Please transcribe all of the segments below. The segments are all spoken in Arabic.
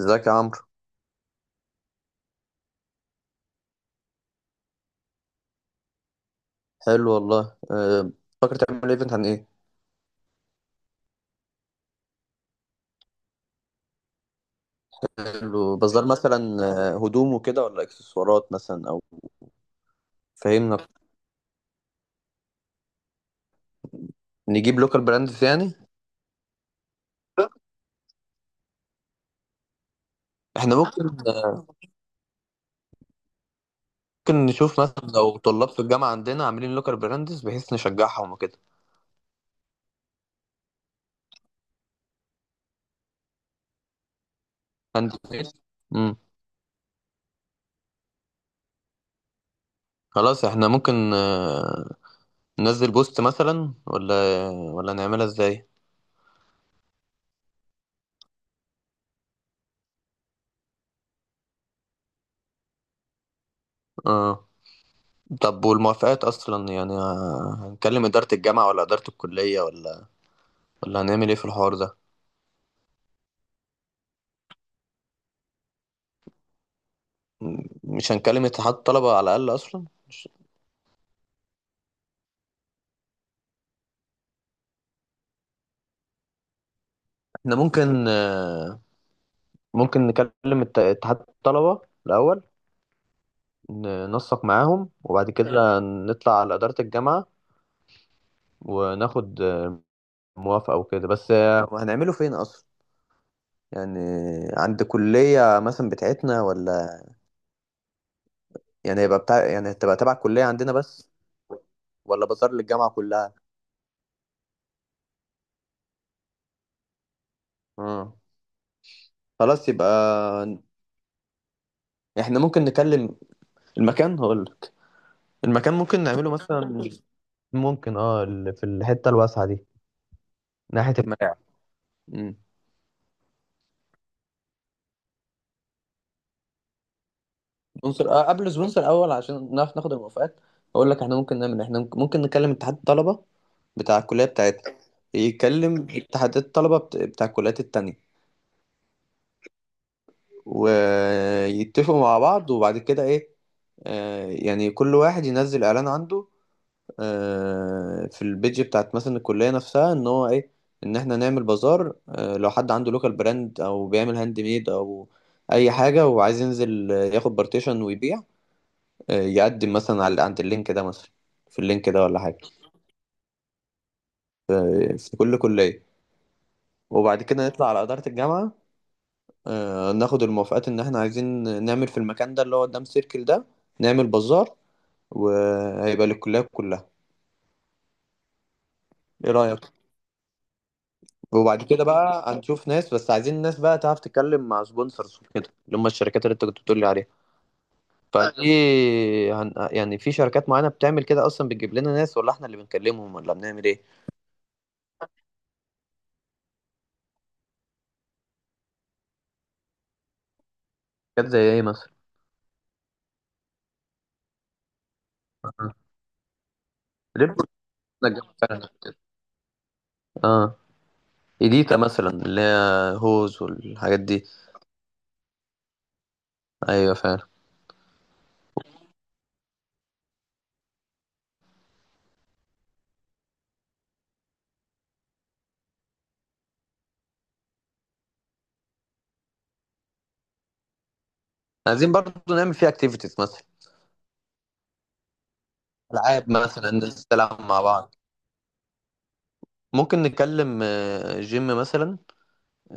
ازيك يا عمرو. حلو والله. فاكر تعمل ايفنت عن ايه؟ حلو بس ده مثلا هدوم وكده ولا اكسسوارات مثلا او فهمنا. نجيب لوكال براندز يعني. احنا ممكن أه، ممكن نشوف مثلا لو طلاب في الجامعه عندنا عاملين لوكال براندز بحيث نشجعهم وكده. عندي. امم خلاص احنا ممكن ننزل بوست مثلا ولا نعملها ازاي. اه، طب والموافقات اصلا يعني هنكلم اداره الجامعه ولا اداره الكليه ولا هنعمل ايه في الحوار ده؟ مش هنكلم اتحاد الطلبة على الأقل أصلا مش... احنا ممكن ممكن نكلم اتحاد الطلبة الأول. ننسق معاهم وبعد كده نطلع على إدارة الجامعة وناخد موافقة وكده. بس هنعمله فين أصلا؟ يعني عند كلية مثلا بتاعتنا، ولا يعني هيبقى بتاع، يعني هتبقى تبع كلية عندنا بس، ولا بازار للجامعة كلها؟ اه. خلاص يبقى احنا ممكن نكلم. المكان هقولك. المكان ممكن نعمله مثلا ممكن اه في الحته الواسعه دي ناحيه الملاعب. امم سبونسر، آه قبل سبونسر اول عشان نعرف ناخد الموافقات. اقول لك احنا ممكن نعمل إيه. احنا ممكن نكلم اتحاد الطلبه بتاع الكليه بتاعتنا. يكلم اتحادات الطلبه بتاع الكليات التانية ويتفقوا مع بعض وبعد كده ايه. آه، يعني كل واحد ينزل اعلان عنده، في البيج بتاعت مثلا الكلية نفسها، ان هو ايه، ان احنا نعمل بازار. لو حد عنده لوكال براند او بيعمل هاند ميد او اي حاجة وعايز ينزل ياخد بارتيشن ويبيع. يقدم مثلا على عند اللينك ده مثلا، في اللينك ده ولا حاجة. في كل كلية. وبعد كده نطلع على إدارة الجامعة، ناخد الموافقات ان احنا عايزين نعمل في المكان ده اللي هو قدام سيركل ده نعمل بازار وهيبقى للكلية كلها. ايه رأيك؟ وبعد كده بقى هنشوف ناس، بس عايزين ناس بقى تعرف تتكلم مع سبونسرز وكده، اللي هم الشركات اللي انت كنت بتقول لي عليها. فدي يعني في شركات معينة بتعمل كده اصلا بتجيب لنا ناس، ولا احنا اللي بنكلمهم، ولا بنعمل ايه؟ شركات زي ايه مثلا؟ آه. ليه، بتنجح فعلا كده؟ اه، ايديتا مثلا اللي هي هوز والحاجات دي. ايوه فعلا. عايزين برضو نعمل فيها اكتيفيتيز مثلا. العاب مثلا، نلعب مع بعض. ممكن نكلم جيم مثلا،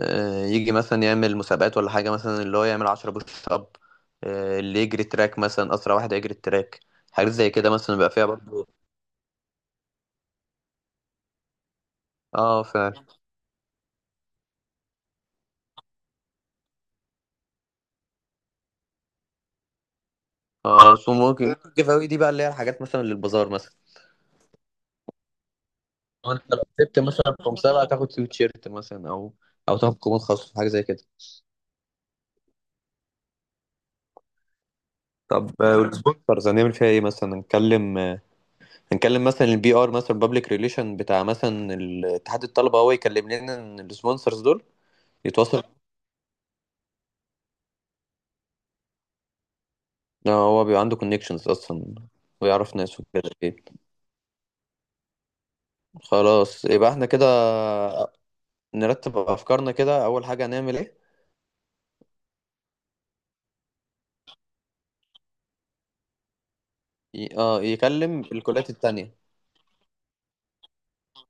يجي مثلا يعمل مسابقات ولا حاجة مثلا اللي هو يعمل عشرة بوش أب. اللي يجري تراك مثلا، أسرع واحد هيجري التراك. حاجات زي كده مثلا بيبقى فيها برضه. اه فعلا. اه، سو ممكن الجيف أوي دي بقى اللي هي الحاجات مثلا للبازار مثلا. هو انت لو كسبت مثلا في مسابقة تاخد تي شيرت مثلا او او تاخد كومنت خاص، حاجة زي كده. طب والسبونسرز هنعمل فيها ايه مثلا؟ هنتكلم هنتكلم مثلا البي ار مثلا بابليك ريليشن بتاع مثلا اتحاد الطلبة، هو يكلم لنا السبونسرز دول. يتواصل. لا، هو بيبقى عنده كونكشنز اصلا ويعرف ناس وكده اكيد. خلاص يبقى احنا كده نرتب افكارنا. كده اول حاجه هنعمل ايه. اه يكلم الكليات التانية.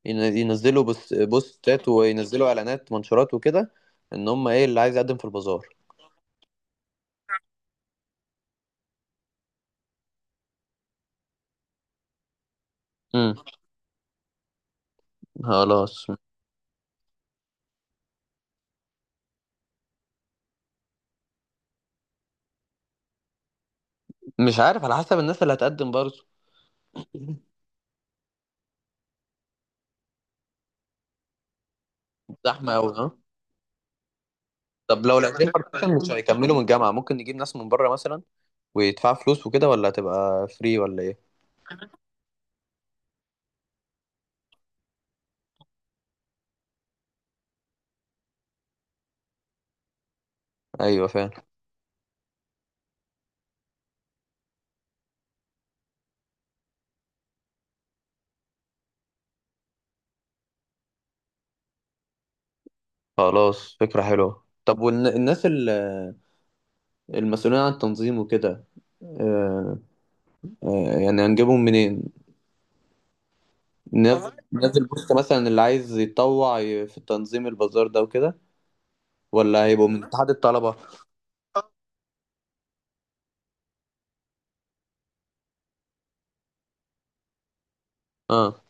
ينزلوا بوستات وينزلوا اعلانات منشورات وكده، ان هم ايه اللي عايز يقدم في البازار. امم خلاص. مش عارف، على حسب الناس اللي هتقدم برضه. زحمه قوي ها. طب لو لقيتين بارتيشن مش هيكملوا من الجامعه ممكن نجيب ناس من بره مثلا ويدفعوا فلوس وكده، ولا هتبقى فري ولا ايه؟ ايوه فاهم. خلاص فكرة حلوة. طب والناس المسؤولين عن التنظيم وكده، آه، يعني هنجيبهم منين؟ ناس البوست مثلا اللي عايز يتطوع في تنظيم البازار ده وكده، ولا هيبقوا من اتحاد الطلبة؟ اه،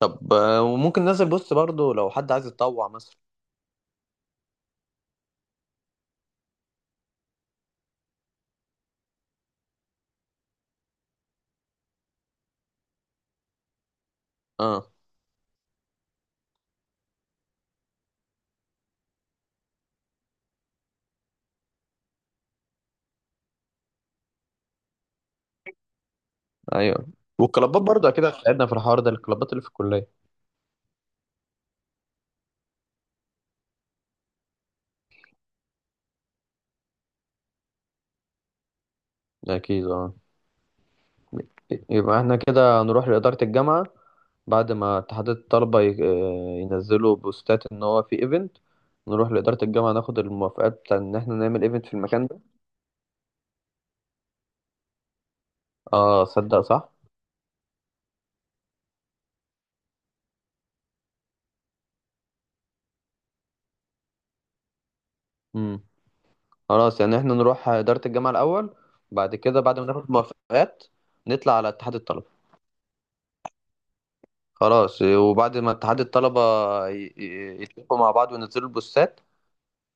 طب وممكن ناس البوست برضو لو حد عايز يتطوع مثلا. اه ايوه. والكلابات برضو اكيد هتساعدنا في الحوار ده، الكلابات اللي في الكلية. اكيد اه. يبقى احنا كده هنروح لإدارة الجامعة بعد ما اتحاد الطلبة ينزلوا بوستات إن هو في إيفنت. نروح لإدارة الجامعة ناخد الموافقات بتاع إن إحنا نعمل إيفنت في المكان ده. آه صدق صح. مم. خلاص يعني إحنا نروح إدارة الجامعة الأول، بعد كده بعد ما ناخد موافقات نطلع على اتحاد الطلبة. خلاص وبعد ما اتحاد الطلبة يتفقوا مع بعض وينزلوا البوستات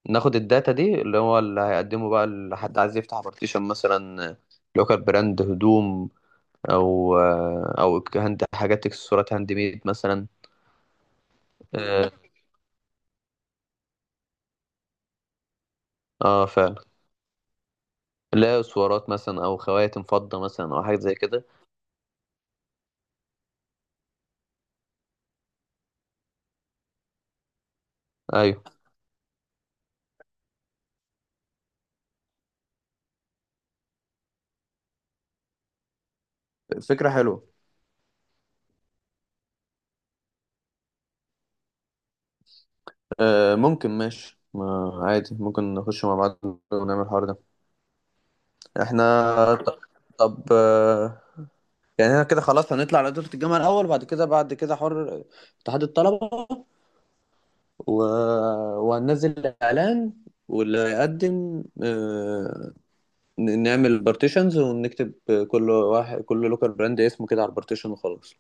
ناخد الداتا دي اللي هو اللي هيقدمه بقى لحد عايز يفتح بارتيشن مثلا. لوكال براند هدوم او او هند حاجات اكسسوارات هاند ميد مثلا. اه فعلا. لا، اسوارات مثلا او خواتم فضة مثلا او حاجات زي كده. ايوه فكرة حلوة. آه ممكن ماشي ما عادي، ممكن نخش مع بعض ونعمل الحوار ده. احنا ط- طب آه، يعني احنا كده خلاص هنطلع على دورة الجامعة الاول. بعد كده حر اتحاد الطلبة و... وهننزل اعلان، واللي يقدم نعمل بارتيشنز ونكتب كل واحد كل لوكال براند اسمه كده على البارتيشن وخلاص.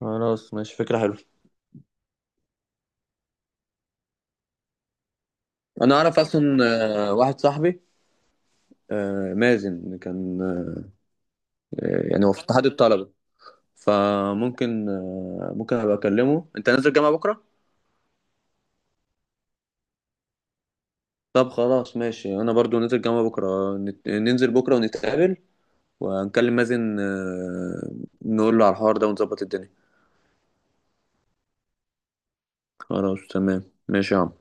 خلاص ماشي فكرة حلوة. انا اعرف اصلا واحد صاحبي مازن كان يعني هو في اتحاد الطلبة. فممكن ممكن ابقى اكلمه. انت نازل جامعة بكرة؟ طب خلاص ماشي، انا برضو نازل جامعة بكرة. ننزل بكرة ونتقابل ونكلم مازن، نقول له على الحوار ده ونظبط الدنيا. خلاص تمام. ماشي يا عم.